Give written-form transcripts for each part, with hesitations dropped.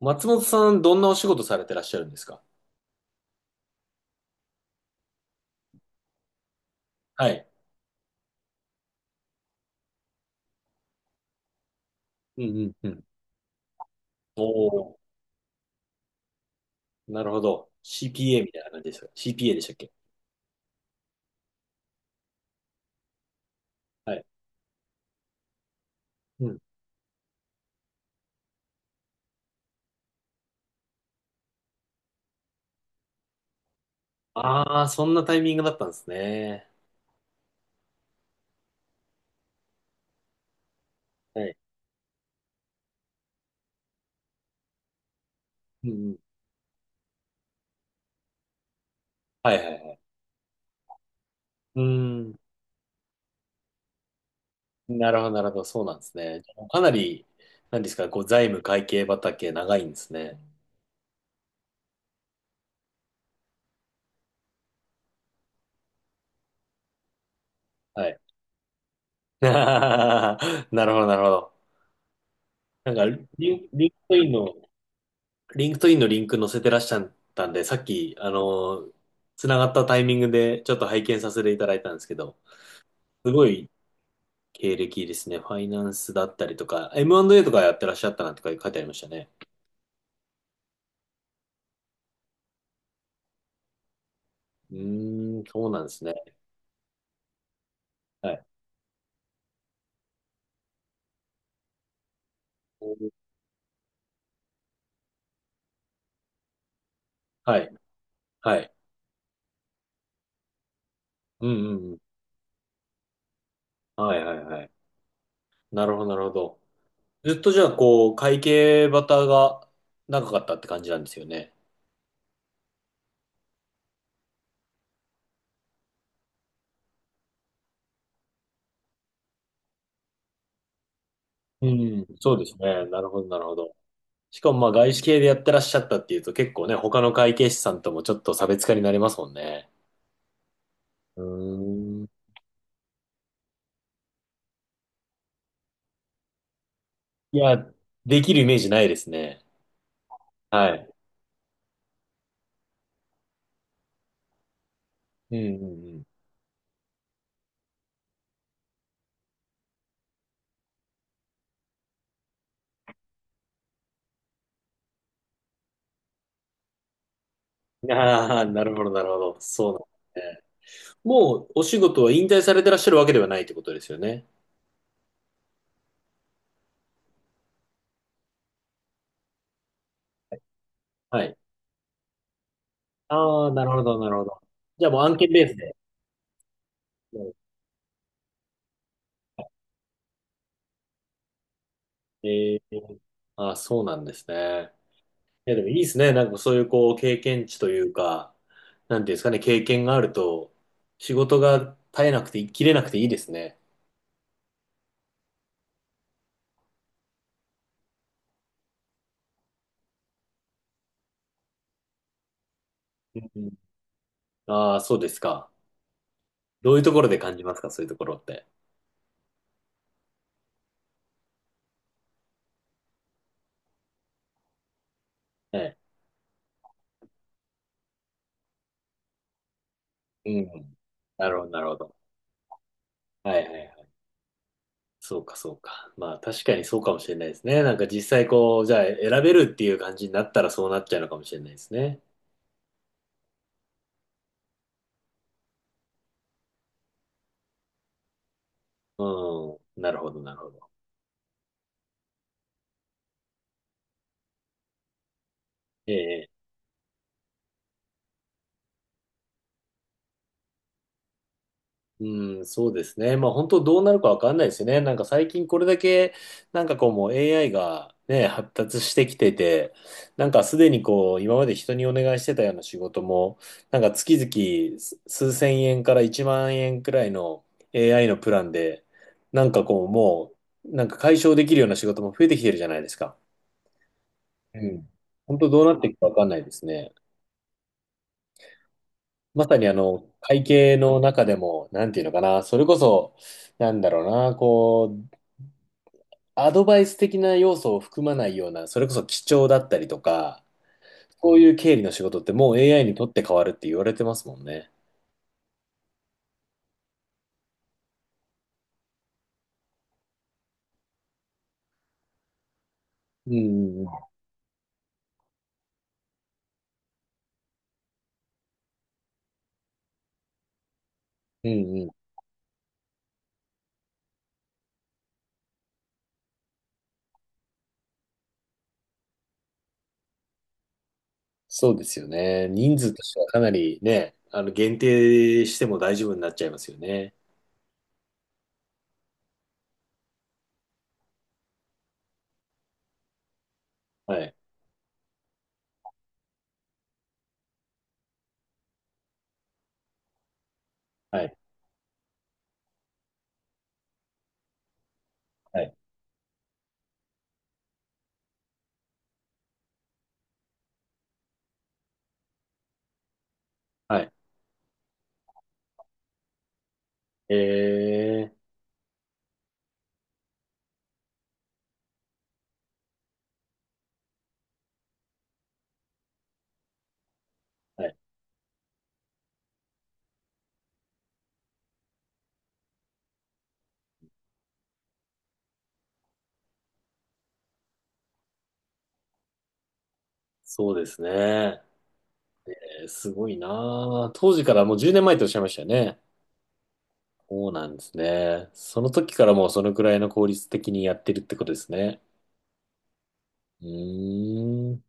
松本さん、どんなお仕事されてらっしゃるんですか？はい。うんうんうん。おー、なるほど。CPA みたいな感じですか ?CPA でしたっけ？はい。うん。ああ、そんなタイミングだったんですね。はい。うんうん。はいはいはい。うーん。なるほど、なるほど。そうなんですね。かなり、なんですか、こう、財務会計畑長いんですね。はい。なるほど、なるほど。なんか、リンリンクトインの、リンクトインのリンク載せてらっしゃったんで、さっき、つながったタイミングでちょっと拝見させていただいたんですけど、すごい経歴ですね。ファイナンスだったりとか、M&A とかやってらっしゃったなんて書いてありましたね。うーん、そうなんですね。はい。はい。はい。うんうんうん。はいはいはい。なるほど、なるほど。ずっとじゃあ、こう、会計バタが長かったって感じなんですよね。うん、そうですね。なるほど、なるほど。しかもまあ外資系でやってらっしゃったっていうと結構ね、他の会計士さんともちょっと差別化になりますもんね。うーん。いや、できるイメージないですね。はい。うんうんうん。ああ、なるほど、なるほど。そうなんですね。もうお仕事は引退されてらっしゃるわけではないってことですよね。はい。ああ、なるほど、なるほど。じゃあもう案件ベースで。ええー、ああ、そうなんですね。いや、でもいいですね。なんかそういうこう、経験値というか、なんていうんですかね、経験があると、仕事が絶えなくて、切れなくていいですね。うん。ああ、そうですか。どういうところで感じますか、そういうところって？ええ。うん。なるほど、なるほど。はいはいはい。そうか、そうか。まあ、確かにそうかもしれないですね。なんか実際こう、じゃあ選べるっていう感じになったらそうなっちゃうのかもしれないですね。うん。なるほど、なるほど。ええ。うん、そうですね。まあ本当どうなるかわかんないですよね。なんか最近これだけ、なんかこうもう AI がね、発達してきてて、なんかすでにこう今まで人にお願いしてたような仕事も、なんか月々数千円から1万円くらいの AI のプランで、なんかこうもう、なんか解消できるような仕事も増えてきてるじゃないですか。うん。本当どうなっていくかわかんないですね。まさに会計の中でも、なんていうのかな、それこそ、なんだろうな、こう、アドバイス的な要素を含まないような、それこそ基調だったりとか、こういう経理の仕事ってもう AI にとって変わるって言われてますもんね。うんうんうん。うんうん。そうですよね。人数としてはかなりね、限定しても大丈夫になっちゃいますよね。はい。はい。はい。はい。えはい。そうですね。すごいなあ、当時からもう10年前とおっしゃいましたよね。そうなんですね。その時からもうそのくらいの効率的にやってるってことですね。うーん。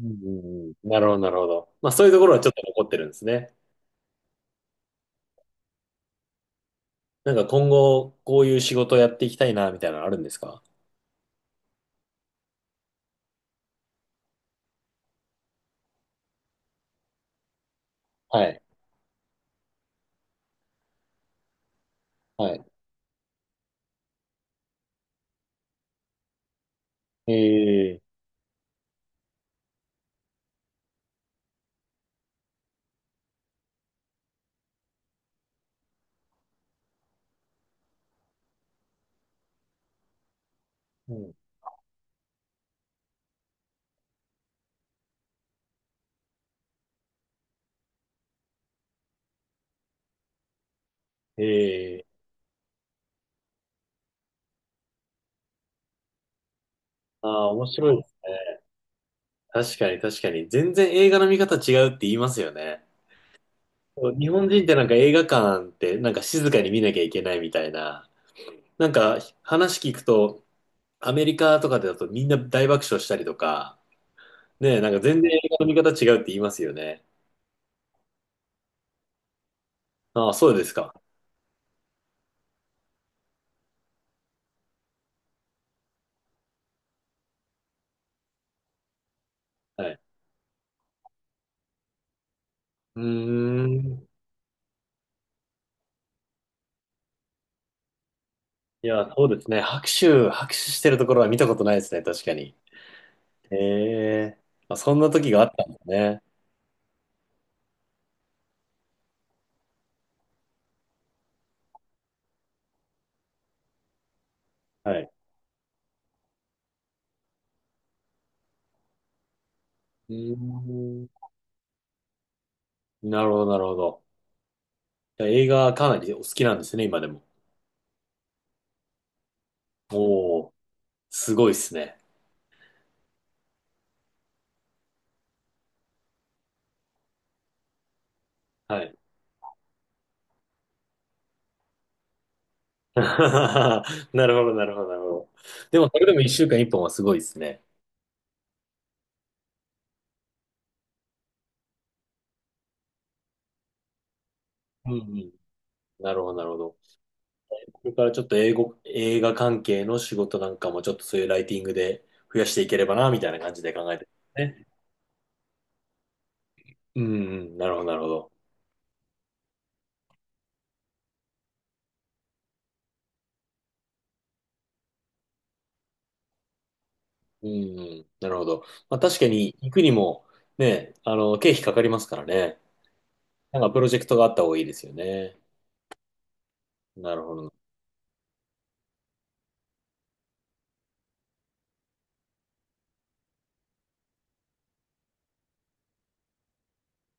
うんなるほど、なるほど。まあそういうところはちょっと残ってるんですね。なんか今後、こういう仕事をやっていきたいな、みたいなのあるんですか？はい。はい。ええ、うん。ええ。ああ、面白いですね。確かに、確かに。全然映画の見方違うって言いますよね。そう日本人ってなんか映画館ってなんか静かに見なきゃいけないみたいな。なんか話聞くと、アメリカとかだとみんな大爆笑したりとか、ねえ、なんか全然映画の見方違うって言いますよね。ああ、そうですか。はい。うーん。いや、そうですね。拍手してるところは見たことないですね。確かに。へえ。まあ、そんな時があったんですね。はい。うーん。なるほど、なるほど。じゃあ映画かなりお好きなんですね、今でも。おお、すごいですね。はい。なるほど、なるほど、なるほど。でも、それでも一週間一本はすごいですね。うんうん。なるほど、なるほど。これからちょっと英語、映画関係の仕事なんかもちょっとそういうライティングで増やしていければな、みたいな感じで考えてるね。うんうん、なるほど、なるほど。うんうん、なるほど。まあ確かに行くにもね、経費かかりますからね。なんかプロジェクトがあった方がいいですよね。なるほど。